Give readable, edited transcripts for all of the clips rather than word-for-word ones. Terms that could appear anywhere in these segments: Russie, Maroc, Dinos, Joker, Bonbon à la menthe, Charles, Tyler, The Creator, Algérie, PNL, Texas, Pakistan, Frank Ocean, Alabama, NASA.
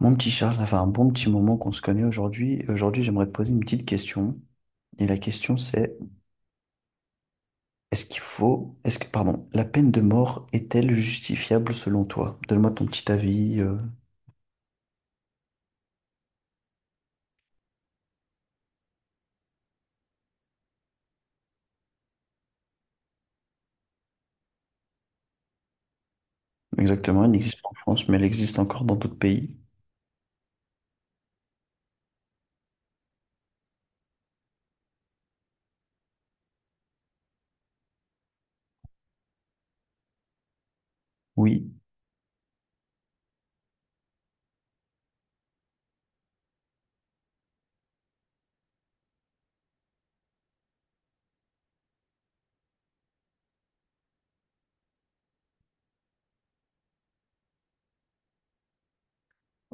Mon petit Charles, ça fait un bon petit moment qu'on se connaît aujourd'hui. Aujourd'hui, j'aimerais te poser une petite question. Et la question, c'est, est-ce qu'il faut, est-ce que, pardon, la peine de mort est-elle justifiable selon toi? Donne-moi ton petit avis. Exactement, elle n'existe pas en France, mais elle existe encore dans d'autres pays. Oui.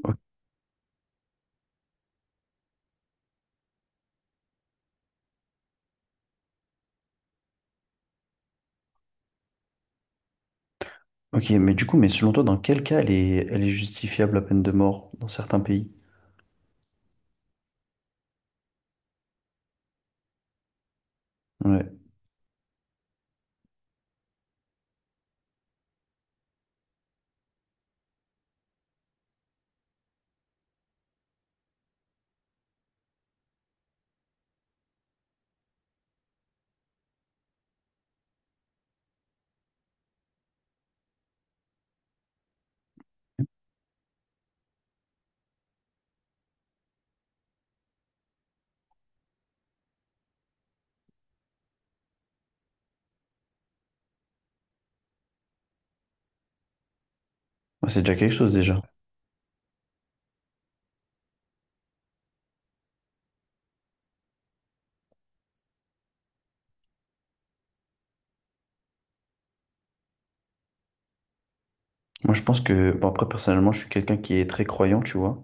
O- Ok, mais du coup, mais selon toi, dans quel cas elle est justifiable, la peine de mort, dans certains pays? Ouais. Ouais, c'est déjà quelque chose déjà. Moi, je pense que, bon, après, personnellement, je suis quelqu'un qui est très croyant, tu vois.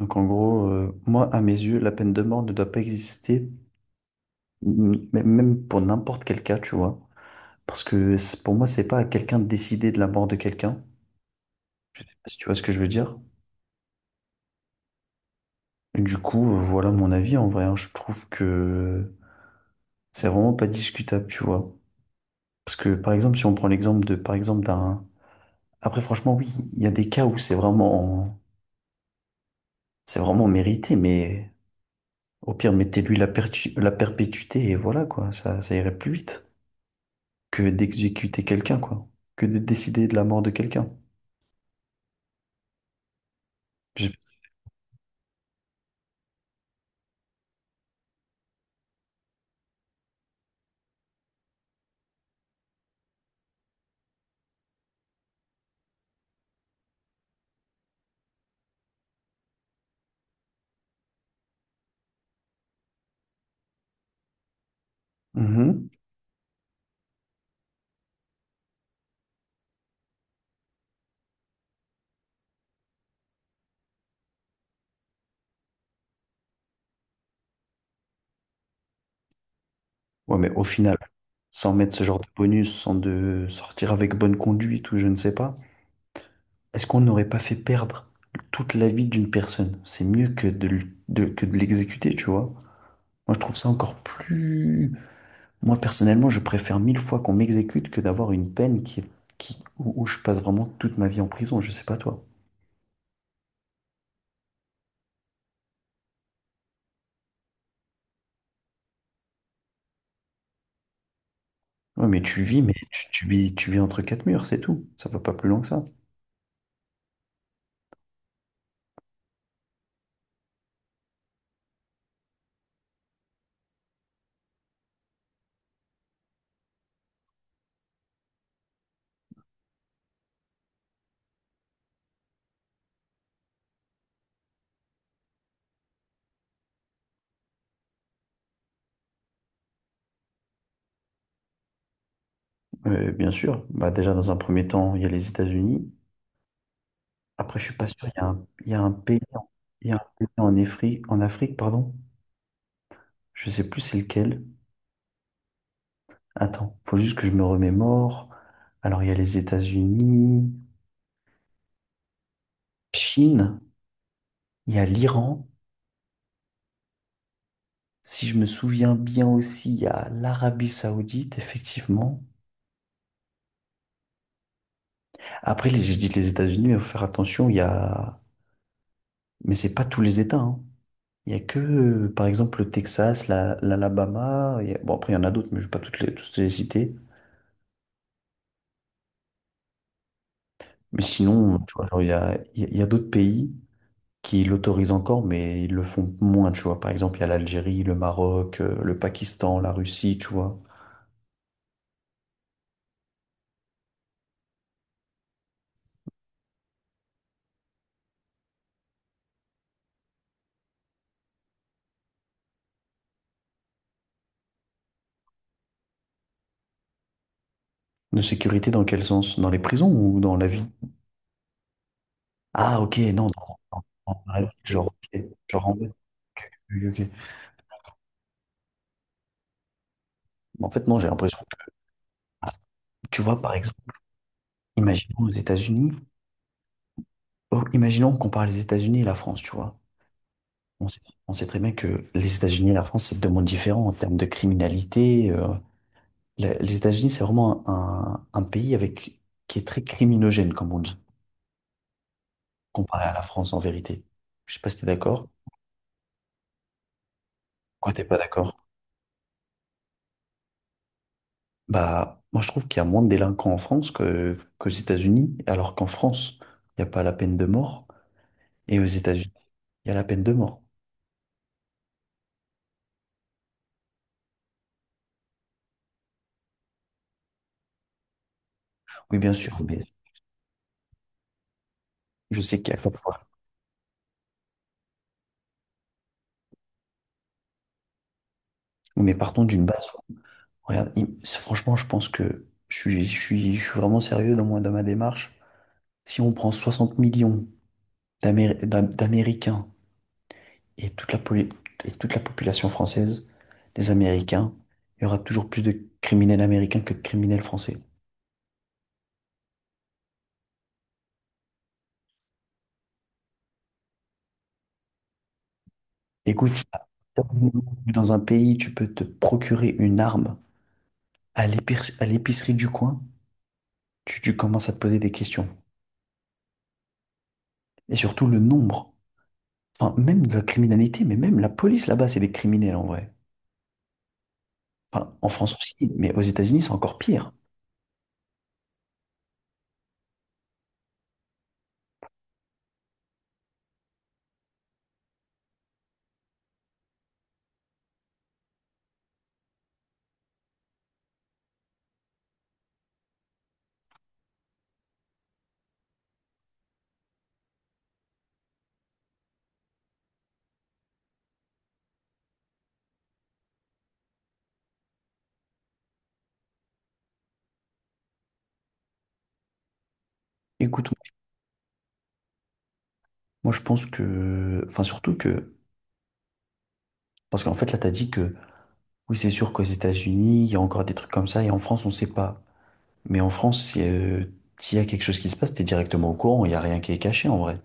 Donc en gros, moi, à mes yeux, la peine de mort ne doit pas exister, même pour n'importe quel cas, tu vois. Parce que pour moi, c'est pas à quelqu'un de décider de la mort de quelqu'un, si tu vois ce que je veux dire. Et du coup, voilà mon avis en vrai, hein. Je trouve que c'est vraiment pas discutable, tu vois. Parce que par exemple, si on prend l'exemple de, par exemple, d'un... Après, franchement, oui, il y a des cas où c'est vraiment mérité, mais au pire, mettez-lui la la perpétuité et voilà, quoi, ça irait plus vite. Que d'exécuter quelqu'un, quoi. Que de décider de la mort de quelqu'un. J'ai- Mhm. Ouais, mais au final, sans mettre ce genre de bonus, sans de sortir avec bonne conduite ou je ne sais pas, est-ce qu'on n'aurait pas fait perdre toute la vie d'une personne? C'est mieux que de, que de l'exécuter, tu vois. Moi, je trouve ça encore plus... Moi, personnellement, je préfère mille fois qu'on m'exécute que d'avoir une peine qui, où je passe vraiment toute ma vie en prison. Je sais pas toi. Ouais, mais tu vis, mais tu, tu vis entre quatre murs, c'est tout. Ça va pas plus loin que ça. Bien sûr, bah, déjà dans un premier temps, il y a les États-Unis. Après, je suis pas sûr, il y a un pays, il y a un pays en en Afrique, pardon. Je sais plus c'est lequel. Attends, faut juste que je me remémore. Alors, il y a les États-Unis, Chine, il y a l'Iran. Si je me souviens bien aussi, il y a l'Arabie Saoudite, effectivement. Après, j'ai dit les États-Unis, mais faut faire attention, il y a... Mais c'est pas tous les États, hein. Il y a que, par exemple, le Texas, l'Alabama. Bon, après, il y en a d'autres, mais je ne vais pas toutes les citer. Mais sinon, tu vois, genre, il y a d'autres pays qui l'autorisent encore, mais ils le font moins, tu vois. Par exemple, il y a l'Algérie, le Maroc, le Pakistan, la Russie, tu vois. De sécurité, dans quel sens? Dans les prisons ou dans la vie? Ah, ok, non, dans la vie, genre, ok, genre en mode, oui, ok. En fait, non, j'ai l'impression que, tu vois, par exemple, imaginons aux États-Unis, oh, imaginons qu'on parle des États-Unis et la France, tu vois. On sait, on sait très bien que les États-Unis et la France, c'est deux mondes différents en termes de criminalité. Les États-Unis, c'est vraiment un pays avec, qui est très criminogène, comme on dit, comparé à la France en vérité. Je sais pas si t'es d'accord. Pourquoi t'es pas d'accord? Bah, moi, je trouve qu'il y a moins de délinquants en France qu'aux États-Unis, alors qu'en France, il n'y a pas la peine de mort. Et aux États-Unis, il y a la peine de mort. Oui, bien sûr, mais je sais qu'il y a... Mais partons d'une base. Regarde, franchement, je pense que je suis vraiment sérieux dans, moi, dans ma démarche. Si on prend 60 millions d'Américains et toute et toute la population française, les Américains, il y aura toujours plus de criminels américains que de criminels français. Écoute, dans un pays, tu peux te procurer une arme à à l'épicerie du coin, tu commences à te poser des questions. Et surtout le nombre, enfin, même de la criminalité, mais même la police là-bas, c'est des criminels en vrai. Enfin, en France aussi, mais aux États-Unis, c'est encore pire. Écoute, moi je pense que, enfin surtout que, parce qu'en fait là, t'as dit que oui, c'est sûr qu'aux États-Unis, il y a encore des trucs comme ça, et en France, on sait pas. Mais en France, si, s'il y a quelque chose qui se passe, t'es directement au courant, il y a rien qui est caché en vrai.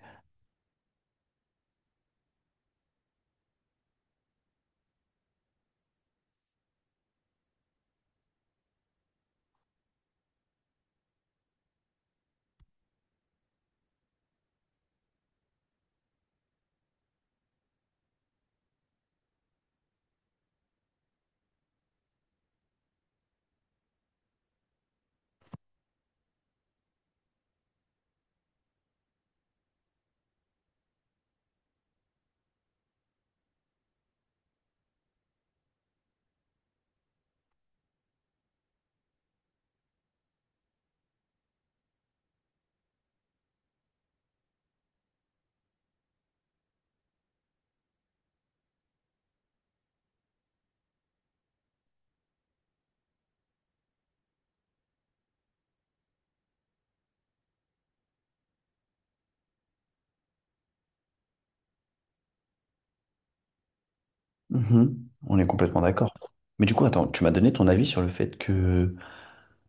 Mhm. On est complètement d'accord. Mais du coup, attends, tu m'as donné ton avis sur le fait que,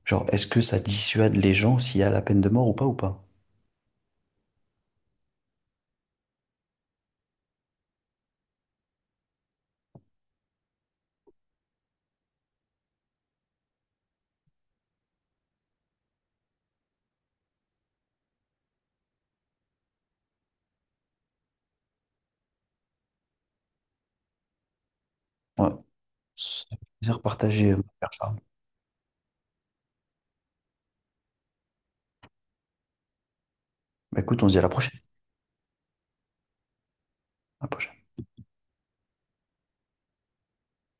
genre, est-ce que ça dissuade les gens s'il y a la peine de mort ou pas? Ouais, c'est un plaisir partagé, mon cher Charles. Bah, écoute, on se dit à la prochaine. À la prochaine.